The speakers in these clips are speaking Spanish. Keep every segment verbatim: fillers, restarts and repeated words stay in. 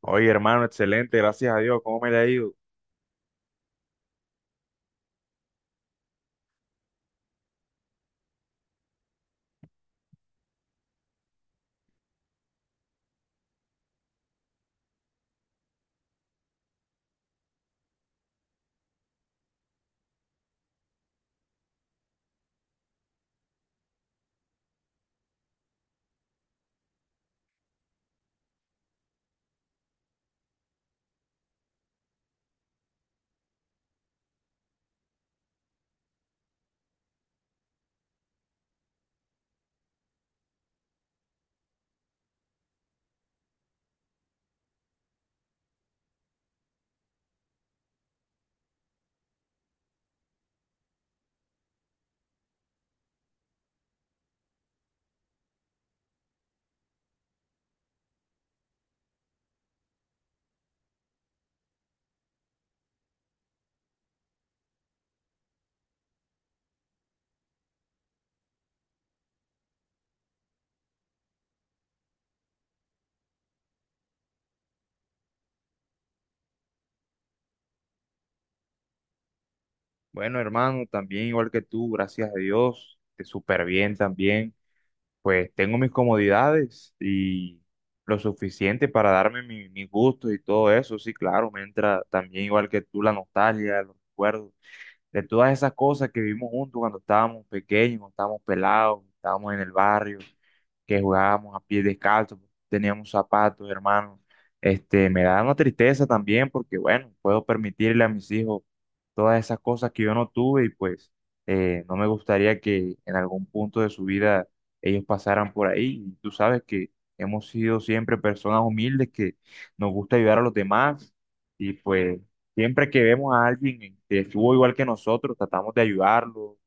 Oye, hermano, excelente, gracias a Dios. ¿Cómo me le ha ido? Bueno, hermano, también igual que tú, gracias a Dios, te súper bien también. Pues tengo mis comodidades y lo suficiente para darme mi- mis gustos y todo eso. Sí, claro, me entra también igual que tú la nostalgia, los recuerdos de todas esas cosas que vivimos juntos cuando estábamos pequeños, cuando estábamos pelados, cuando estábamos en el barrio, que jugábamos a pies descalzos, teníamos zapatos, hermanos. Este, me da una tristeza también porque, bueno, puedo permitirle a mis hijos todas esas cosas que yo no tuve y pues eh, no me gustaría que en algún punto de su vida ellos pasaran por ahí. Y tú sabes que hemos sido siempre personas humildes que nos gusta ayudar a los demás, y pues siempre que vemos a alguien que estuvo igual que nosotros, tratamos de ayudarlo,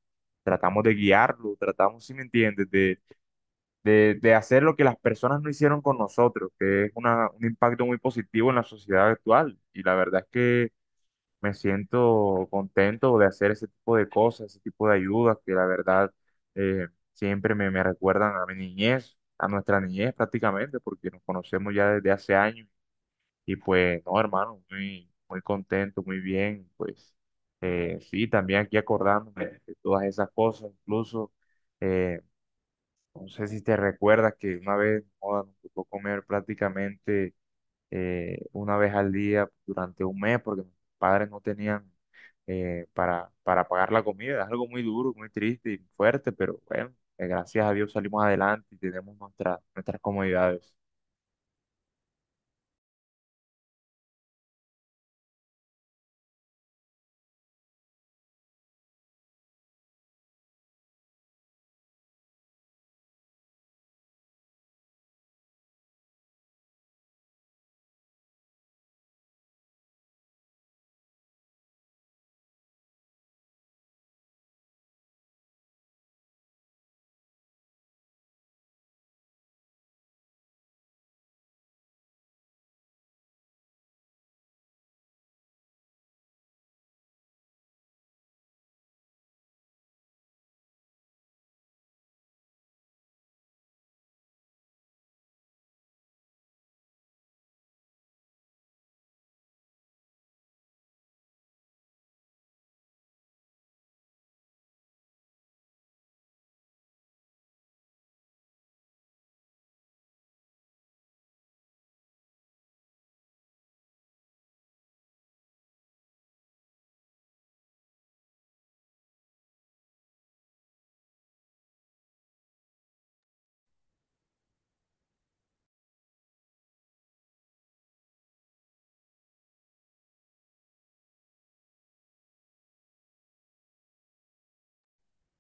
tratamos de guiarlo, tratamos, si me entiendes, de, de, de hacer lo que las personas no hicieron con nosotros, que es una, un impacto muy positivo en la sociedad actual. Y la verdad es que me siento contento de hacer ese tipo de cosas, ese tipo de ayudas, que la verdad eh, siempre me, me recuerdan a mi niñez, a nuestra niñez prácticamente, porque nos conocemos ya desde hace años. Y pues, no, hermano, muy, muy contento, muy bien. Pues, eh, sí, también aquí acordándome de todas esas cosas, incluso, eh, no sé si te recuerdas que una vez, joda, nos tocó comer prácticamente eh, una vez al día durante un mes porque mis padres no tenían, eh, para, para pagar la comida. Es algo muy duro, muy triste y fuerte, pero bueno, eh, gracias a Dios salimos adelante y tenemos nuestra- nuestras comodidades.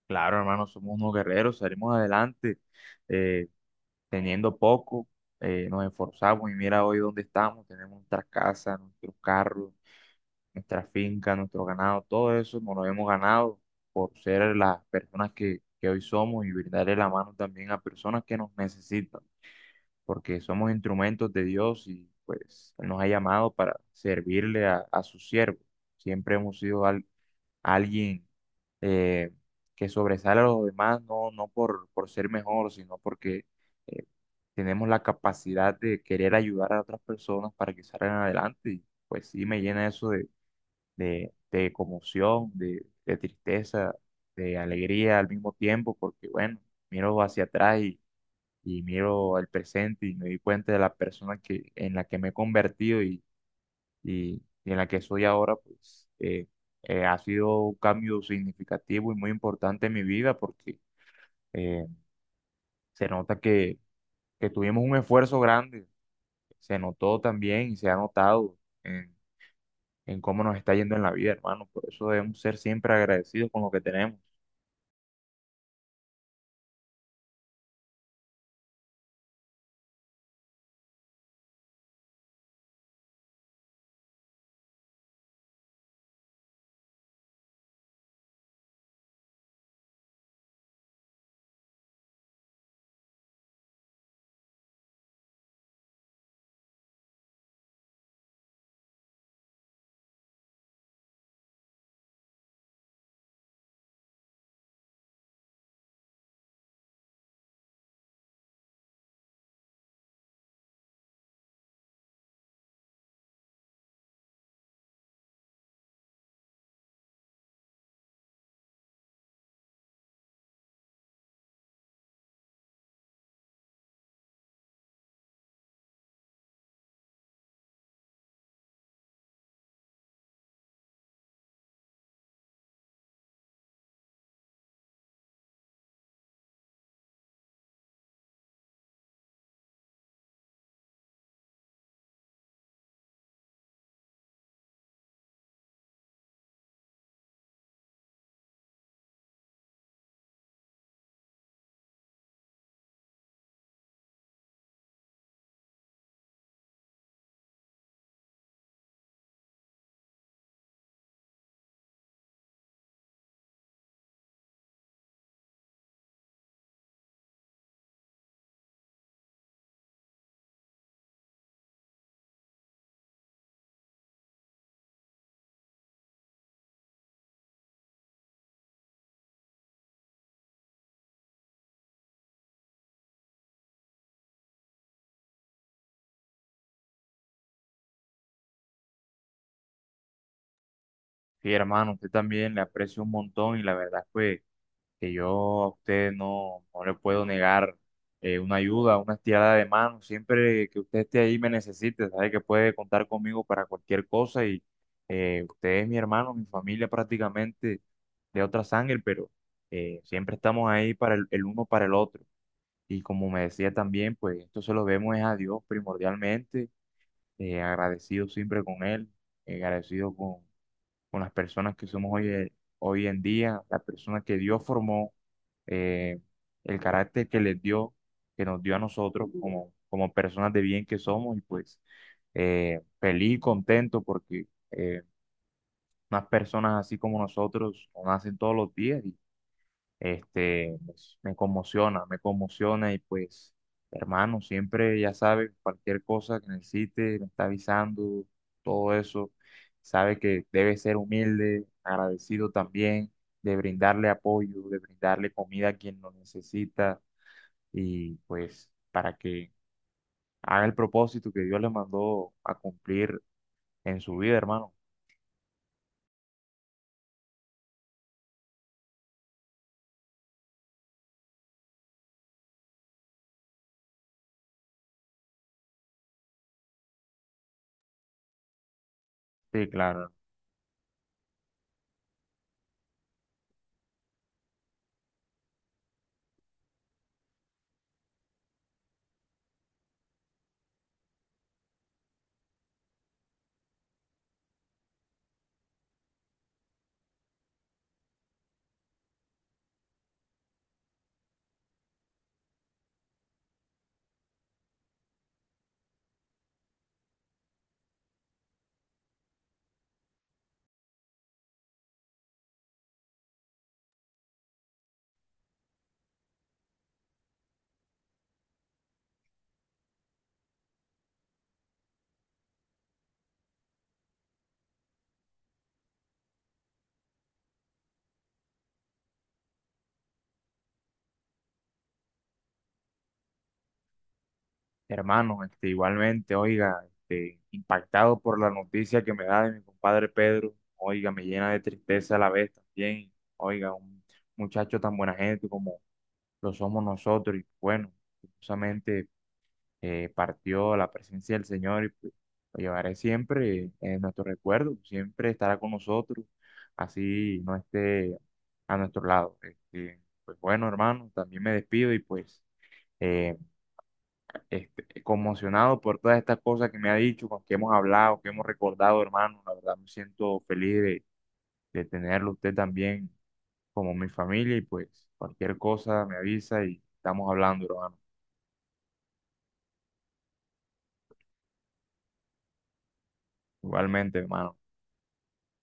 Claro, hermano, somos unos guerreros, salimos adelante, eh, teniendo poco, eh, nos esforzamos y mira hoy dónde estamos, tenemos nuestras casas, nuestros carros, nuestra finca, nuestro ganado. Todo eso nos lo hemos ganado por ser las personas que, que hoy somos, y brindarle la mano también a personas que nos necesitan, porque somos instrumentos de Dios y pues Él nos ha llamado para servirle a, a su siervo. Siempre hemos sido al- alguien, eh, que sobresale a los demás, no, no por, por ser mejor, sino porque eh, tenemos la capacidad de querer ayudar a otras personas para que salgan adelante. Y pues sí, me llena eso de, de, de conmoción, de, de tristeza, de alegría al mismo tiempo, porque bueno, miro hacia atrás y, y miro el presente y me di cuenta de la persona que, en la que me he convertido y y, y en la que soy ahora, pues eh, eh, ha sido un cambio significativo y muy importante en mi vida porque eh, se nota que, que tuvimos un esfuerzo grande, se notó también y se ha notado en, en cómo nos está yendo en la vida, hermano. Por eso debemos ser siempre agradecidos con lo que tenemos. Sí, hermano, usted también le aprecio un montón, y la verdad fue que yo a usted no, no le puedo negar eh, una ayuda, una estirada de mano. Siempre que usted esté ahí me necesite, sabe que puede contar conmigo para cualquier cosa. Y eh, usted es mi hermano, mi familia prácticamente de otra sangre, pero eh, siempre estamos ahí para el, el uno para el otro. Y como me decía también, pues esto se lo vemos es a Dios primordialmente, eh, agradecido siempre con Él, eh, agradecido con, con las personas que somos hoy, eh, hoy en día, las personas que Dios formó, eh, el carácter que les dio, que nos dio a nosotros como, como personas de bien que somos. Y pues eh, feliz y contento porque eh, unas personas así como nosotros no nacen todos los días. Este, pues, me conmociona, me conmociona. Y pues, hermano, siempre ya sabes, cualquier cosa que necesites, me está avisando, todo eso. Sabe que debe ser humilde, agradecido también, de brindarle apoyo, de brindarle comida a quien lo necesita, y pues para que haga el propósito que Dios le mandó a cumplir en su vida, hermano. Sí, claro. Hermano, este, igualmente, oiga, este, impactado por la noticia que me da de mi compadre Pedro, oiga, me llena de tristeza a la vez también, oiga, un muchacho tan buena gente como lo somos nosotros, y bueno, justamente partió a la presencia del Señor y pues, lo llevaré siempre en nuestro recuerdo, siempre estará con nosotros, así no esté a nuestro lado. Este, pues bueno, hermano, también me despido y pues... eh, este, conmocionado por todas estas cosas que me ha dicho, con que hemos hablado, que hemos recordado, hermano. La verdad me siento feliz de, de tenerlo usted también como mi familia, y pues cualquier cosa me avisa y estamos hablando, hermano. Igualmente, hermano.